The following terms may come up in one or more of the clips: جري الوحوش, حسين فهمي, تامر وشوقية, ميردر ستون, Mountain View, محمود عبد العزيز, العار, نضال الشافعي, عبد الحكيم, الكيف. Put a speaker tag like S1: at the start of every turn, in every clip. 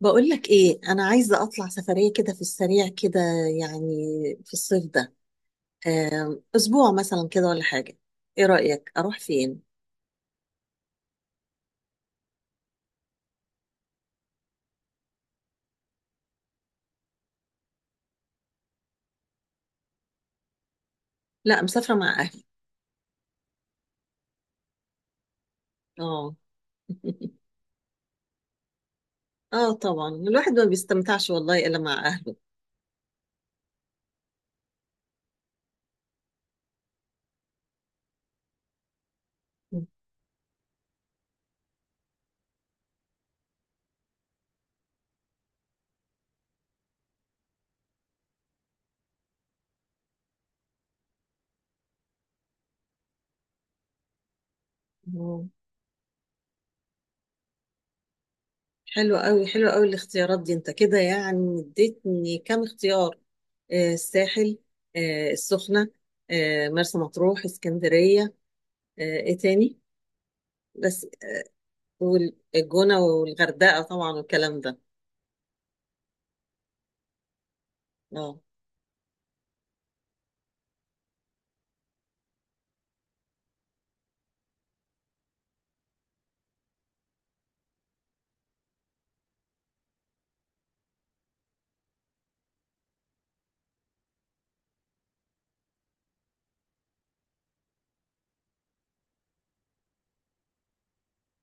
S1: بقولك ايه، انا عايزه اطلع سفريه كده في السريع كده يعني في الصيف ده، اسبوع مثلا كده ولا حاجه. ايه رايك اروح فين؟ لا، مسافره مع اهلي. اه. اه، طبعا الواحد ما بيستمتعش والله الا مع اهله. آه. حلو قوي، حلو قوي الاختيارات دي، انت كده يعني اديتني كام اختيار. الساحل، السخنه، مرسى مطروح، اسكندريه، ايه تاني؟ بس، والجونه والغردقه طبعا والكلام ده. اه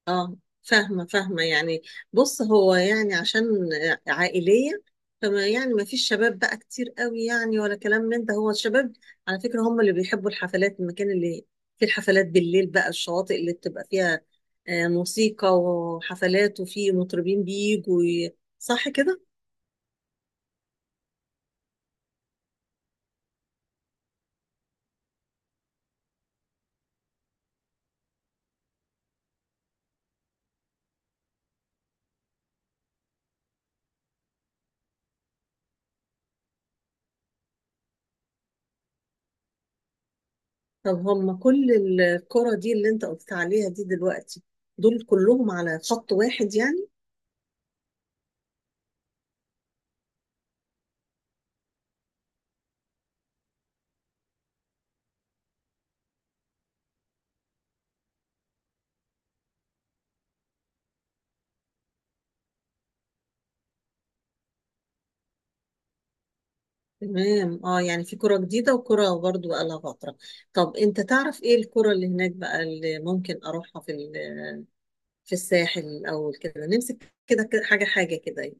S1: اه. فاهمة فاهمة يعني. بص، هو يعني عشان عائلية، فما يعني ما فيش شباب بقى كتير قوي يعني ولا كلام من ده. هو الشباب على فكرة هم اللي بيحبوا الحفلات، المكان اللي فيه الحفلات بالليل بقى، الشواطئ اللي بتبقى فيها موسيقى وحفلات وفي مطربين بيجوا صح كده؟ طب هم كل الكرة دي اللي انت قلت عليها دي دلوقتي، دول كلهم على خط واحد يعني؟ تمام، اه، يعني في كرة جديدة وكرة برضو بقالها فترة. طب انت تعرف ايه الكرة اللي هناك بقى اللي ممكن اروحها في في الساحل الاول، كده نمسك كده كده حاجة حاجة كده يعني.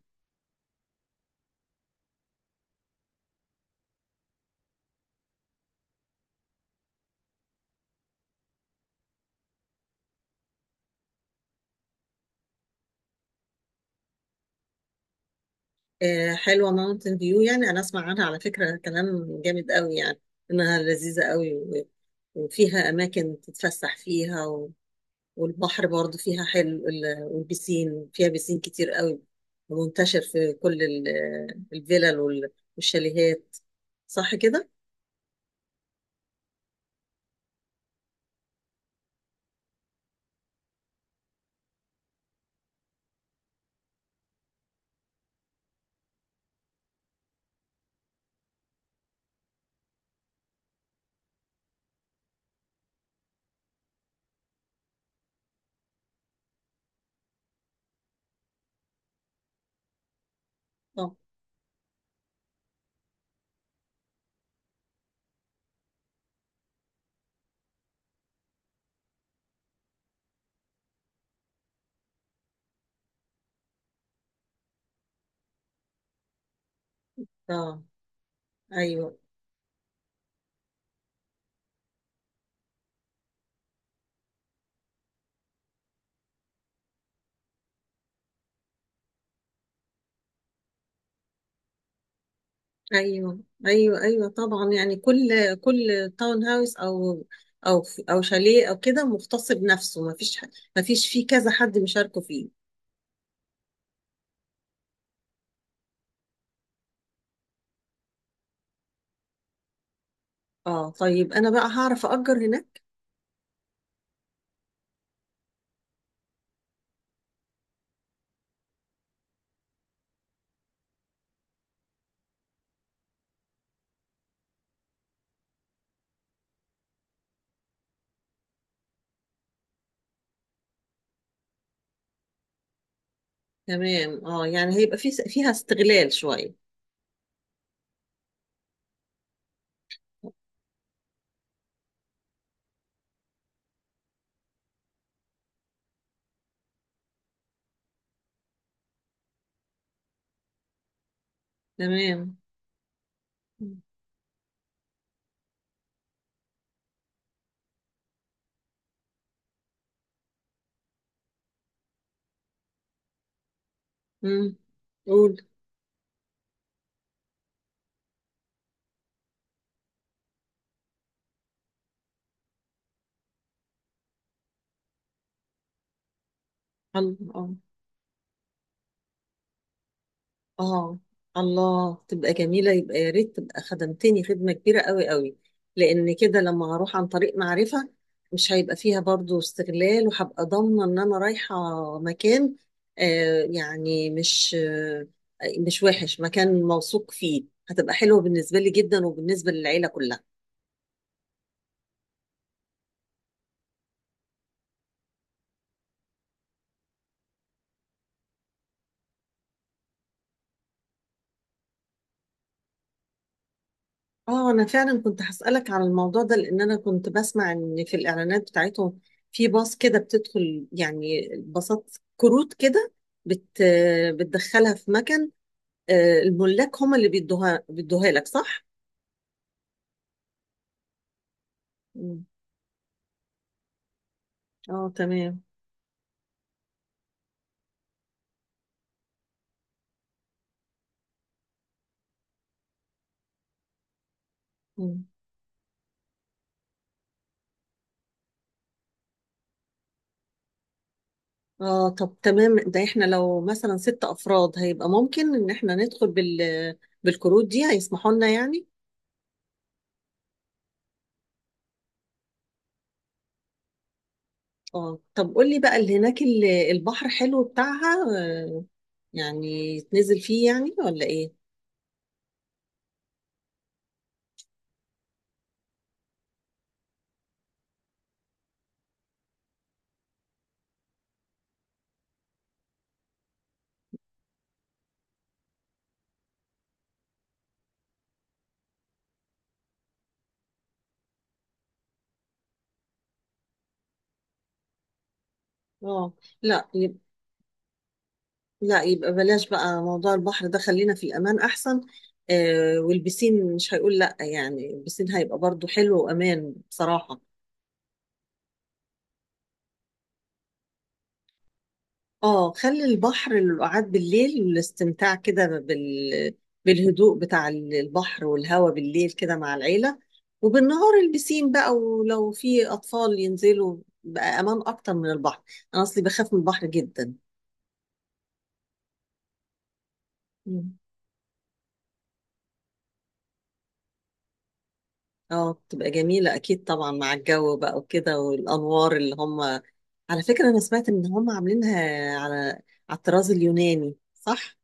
S1: آه، حلوة ماونتن فيو يعني، انا اسمع عنها على فكرة كلام جامد قوي يعني، انها لذيذة قوي وفيها اماكن تتفسح فيها والبحر برضو فيها حلو، والبسين فيها، بسين كتير قوي منتشر في كل الفلل والشاليهات. صح كده؟ اه، اه. ايوه، ايوه، ايوه، ايوه طبعا يعني، كل تاون هاوس، او او شاليه او كده مختص بنفسه. ما فيش فيه كذا حد مشاركه فيه. اه طيب، انا بقى هعرف اجر هناك؟ تمام، اه يعني هيبقى فيها استغلال شويه. تمام. امم قول. الله. آه. اه، الله تبقى جميلة، يبقى يا ريت، تبقى خدمتني خدمة كبيرة قوي قوي. لأن كده لما هروح عن طريق معرفة، مش هيبقى فيها برضو استغلال، وهبقى ضامنة إن أنا رايحة مكان، يعني مش مش وحش، مكان موثوق فيه. هتبقى حلوة بالنسبة لي جدا وبالنسبة للعيلة كلها. اه، انا فعلا كنت هسألك على الموضوع ده لان انا كنت بسمع ان في الاعلانات بتاعتهم، في باص كده بتدخل يعني، باصات كروت كده بت بتدخلها في مكان. الملاك هم اللي بيدوها لك، صح؟ مم. اه، تمام. مم. اه طب، تمام. ده احنا لو مثلا ست افراد هيبقى ممكن ان احنا ندخل بالكروت دي، هيسمحوا لنا يعني؟ اه طب قول لي بقى، اللي هناك البحر حلو بتاعها، يعني يتنزل فيه يعني ولا ايه؟ اه، لا يب... لا يبقى بلاش بقى موضوع البحر ده، خلينا في الامان احسن. والبسين مش هيقول لا يعني، البسين هيبقى برضو حلو وامان بصراحة. اه، خلي البحر للقعاد بالليل والاستمتاع كده بالهدوء بتاع البحر والهواء بالليل كده مع العيلة. وبالنهار البسين بقى، ولو في اطفال ينزلوا بقى امان اكتر من البحر. انا اصلي بخاف من البحر جدا. اه، بتبقى جميلة أكيد طبعا، مع الجو بقى وكده والأنوار اللي هم. على فكرة أنا سمعت إن هم عاملينها على على الطراز اليوناني، صح؟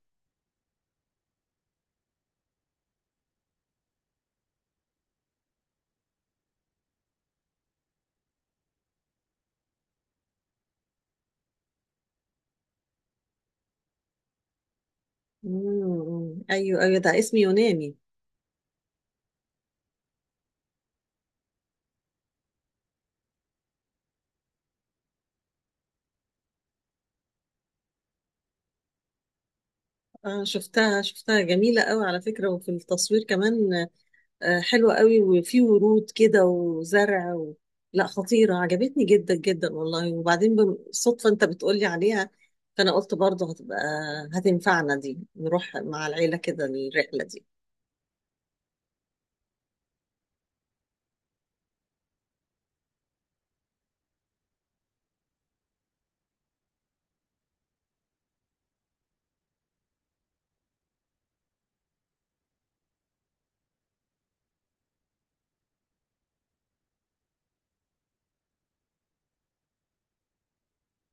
S1: مم. أيوه، أيوه، ده اسم يوناني. آه، شفتها شفتها جميلة قوي على فكرة، وفي التصوير كمان. آه، حلوة قوي، وفي ورود كده وزرع. لا، خطيرة، عجبتني جدا جدا والله. وبعدين بالصدفة أنت بتقولي عليها، فأنا قلت برضه هتنفعنا دي، نروح مع العيلة كده الرحلة دي.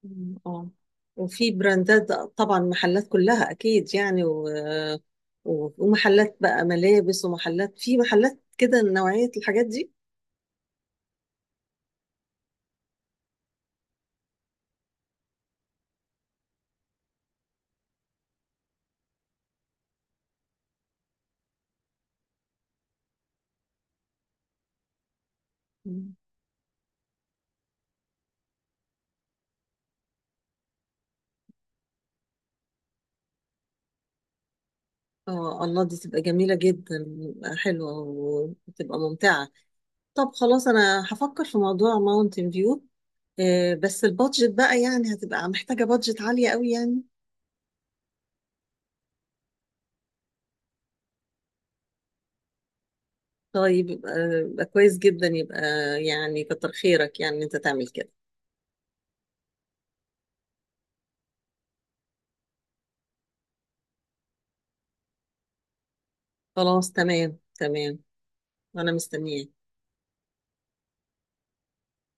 S1: مم. اه، وفي براندات طبعا، محلات كلها اكيد يعني، ومحلات بقى ملابس، ومحلات في محلات كده نوعية الحاجات دي. مم. اه، الله، دي تبقى جميلة جدا. حلوة، وتبقى ممتعة. طب خلاص، انا هفكر في موضوع ماونتن فيو، بس البادجت بقى يعني، هتبقى محتاجة بادجت عالية قوي يعني. طيب يبقى كويس جدا، يبقى يعني كتر خيرك يعني إن انت تعمل كده. خلاص، تمام تمام، وانا مستنياك.